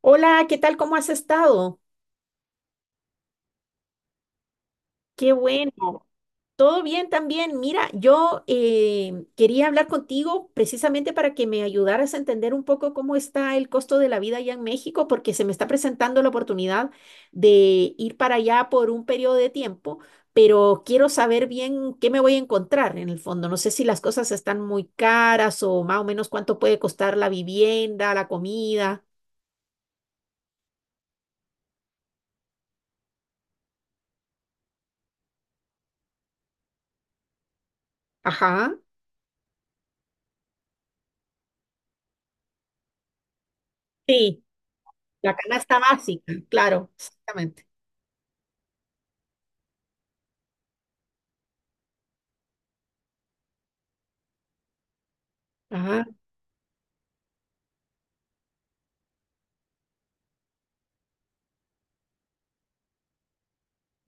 Hola, ¿qué tal? ¿Cómo has estado? Qué bueno. Todo bien también. Mira, yo quería hablar contigo precisamente para que me ayudaras a entender un poco cómo está el costo de la vida allá en México, porque se me está presentando la oportunidad de ir para allá por un periodo de tiempo, pero quiero saber bien qué me voy a encontrar en el fondo. No sé si las cosas están muy caras o más o menos cuánto puede costar la vivienda, la comida. Ajá. Sí, la canasta básica, claro, exactamente. Ah,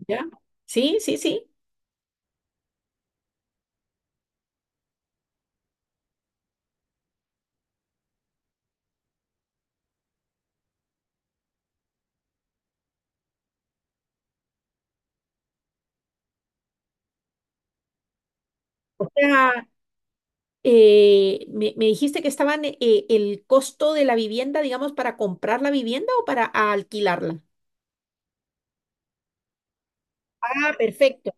ya. Sí, sí, sí. O sea, me dijiste que estaban el costo de la vivienda, digamos, para comprar la vivienda o para alquilarla. Ah, perfecto.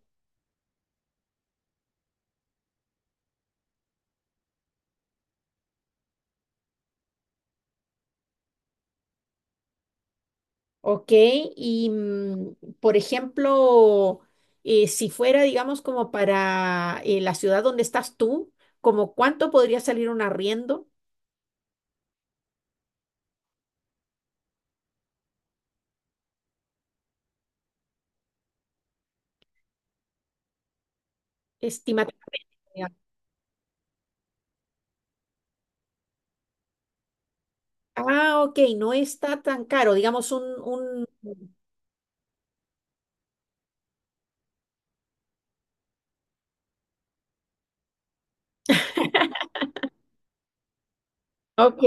Ok, y mm, por ejemplo, si fuera, digamos, como para la ciudad donde estás tú, ¿como cuánto podría salir un arriendo estimativamente? ¿Digamos? Ah, ok, no está tan caro, digamos un... Ok,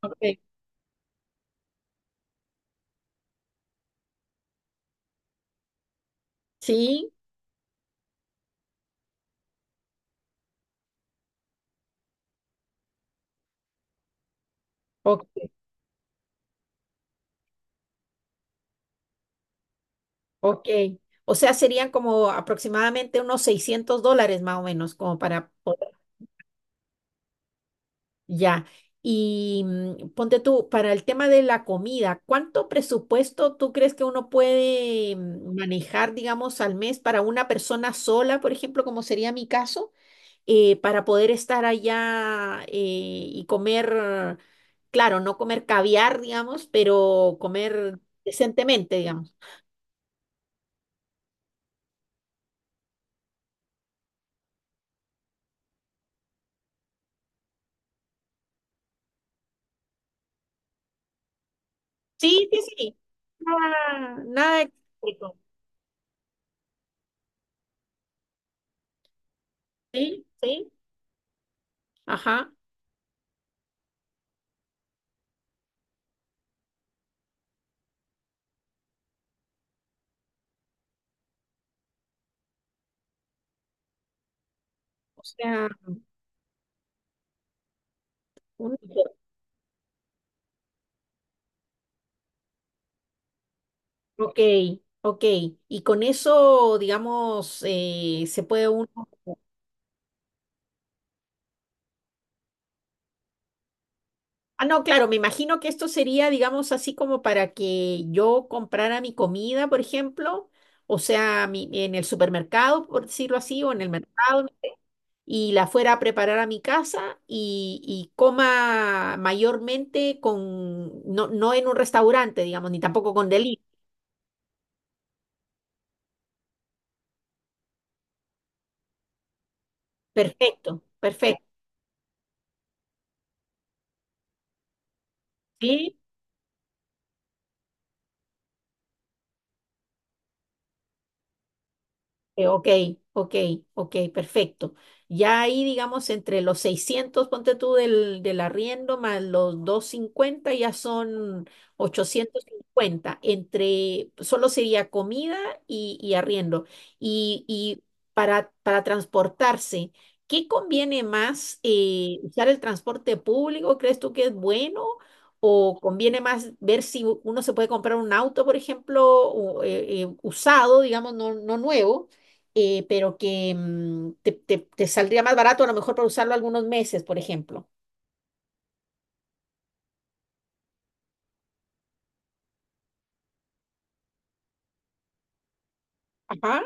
ok. Sí, ok. Ok. O sea, serían como aproximadamente unos $600 más o menos, como para poder. Ya. Y mm, ponte tú, para el tema de la comida, ¿cuánto presupuesto tú crees que uno puede mm, manejar, digamos, al mes para una persona sola, por ejemplo, como sería mi caso, para poder estar allá y comer, claro, no comer caviar, digamos, pero comer decentemente, ¿digamos? Sí, sí, sí. Nada, nada exótico. Sí, ¿sí? Ajá. O sea, un... Ok, ok. Y con eso, digamos, se puede uno... Ah, no, claro, me imagino que esto sería, digamos, así como para que yo comprara mi comida, por ejemplo, o sea, mi... en el supermercado, por decirlo así, o en el mercado, y la fuera a preparar a mi casa y coma mayormente con, no, no en un restaurante, digamos, ni tampoco con delivery. Perfecto, perfecto. Sí. Ok, ok, ok, perfecto. Ya ahí, digamos, entre los 600 ponte tú del, del arriendo, más los 250 ya son 850. Entre, solo sería comida y arriendo. Y para transportarse, ¿qué conviene más? ¿Usar el transporte público? ¿Crees tú que es bueno? ¿O conviene más ver si uno se puede comprar un auto, por ejemplo, o, usado, digamos, no, no nuevo? Pero que mm, te saldría más barato a lo mejor para usarlo algunos meses, por ejemplo. Ajá,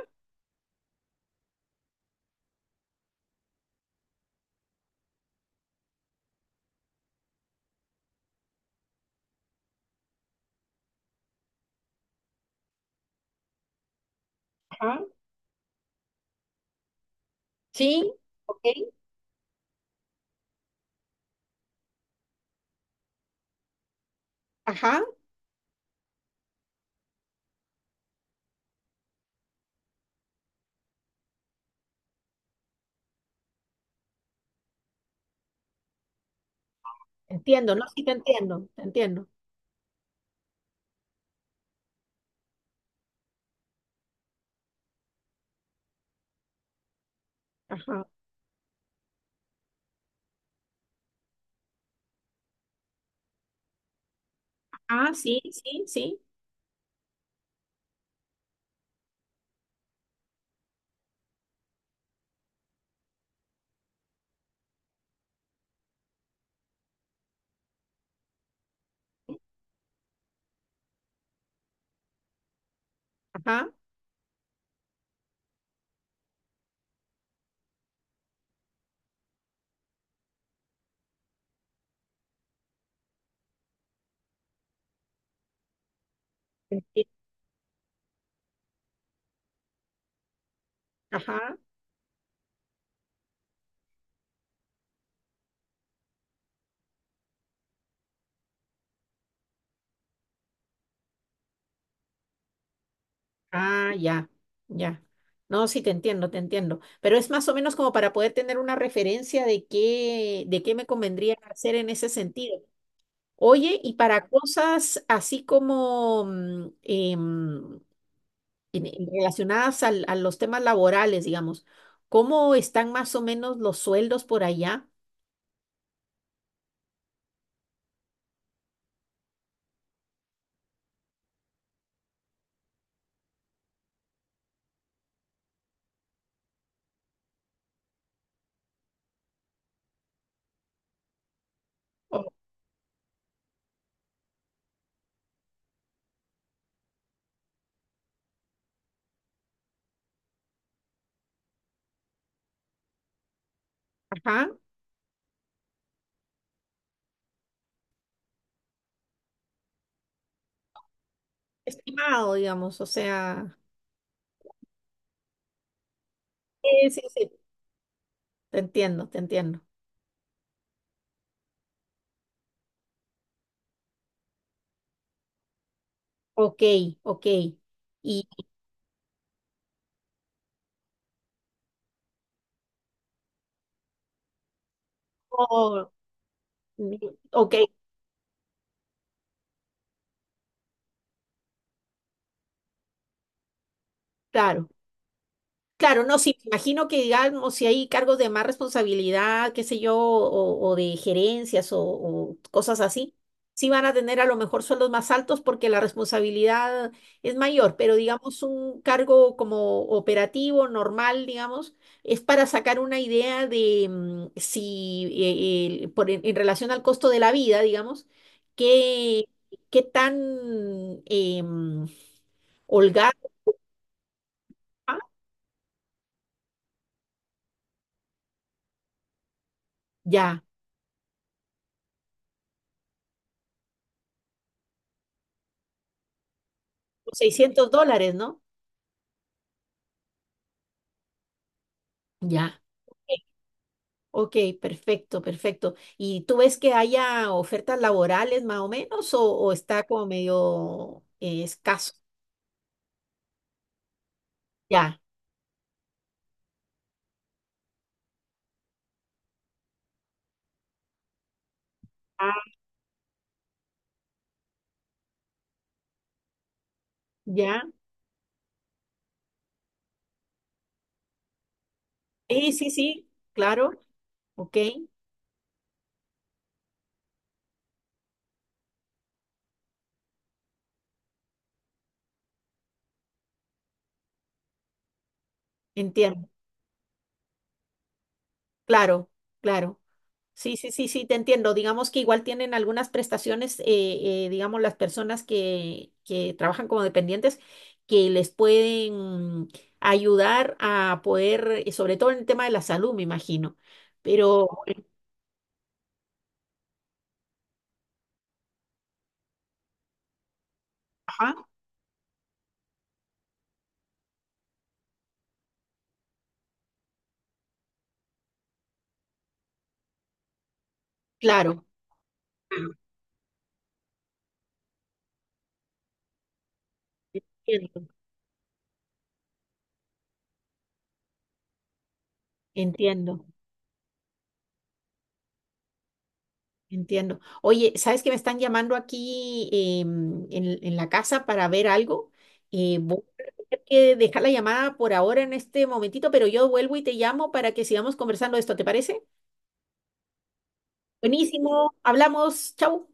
ajá, sí, ok, ajá, entiendo, ¿no? Sí, te entiendo, te entiendo. Ajá, ah, sí, sí, sí, ajá, enti- ajá, ah, ya, ya. No, sí, te entiendo, te entiendo. Pero es más o menos como para poder tener una referencia de qué me convendría hacer en ese sentido. Oye, y para cosas así como, mm, em, relacionadas a los temas laborales, digamos. ¿Cómo están más o menos los sueldos por allá? O- ajá, estimado, digamos, o sea. Sí, sí, sí. Te entiendo, te entiendo. Ok, ok. Y, oh, mm, ok, claro. Claro, no, sí, me imagino que digamos, si hay cargos de más responsabilidad, qué sé yo, o de gerencias o cosas así, sí van a tener a lo mejor sueldos más altos porque la responsabilidad es mayor, pero digamos un cargo como operativo, normal, digamos, es para sacar una idea de mm, si, por, en relación al costo de la vida, digamos, qué, qué tan em, holgado, ah, ya, 600 dólares, ¿no? Ya. Ok, perfecto, perfecto. ¿Y tú ves que haya ofertas laborales más o menos o está como medio escaso? Ya, ah, ya. Sí, sí, sí, claro. Ok, entiendo. Claro, claro. Sí, sí, sí, sí, te entiendo. Digamos que igual tienen algunas prestaciones, digamos, las personas que trabajan como dependientes, que les pueden ayudar a poder, sobre todo en el tema de la salud, me imagino. Pero ajá, claro. Entiendo, entiendo, entiendo. Oye, ¿sabes que me están llamando aquí em, en la casa para ver algo? Voy a tener que dejar la llamada por ahora en este momentito, pero yo vuelvo y te llamo para que sigamos conversando de esto, ¿te parece? Buenísimo, hablamos, chau.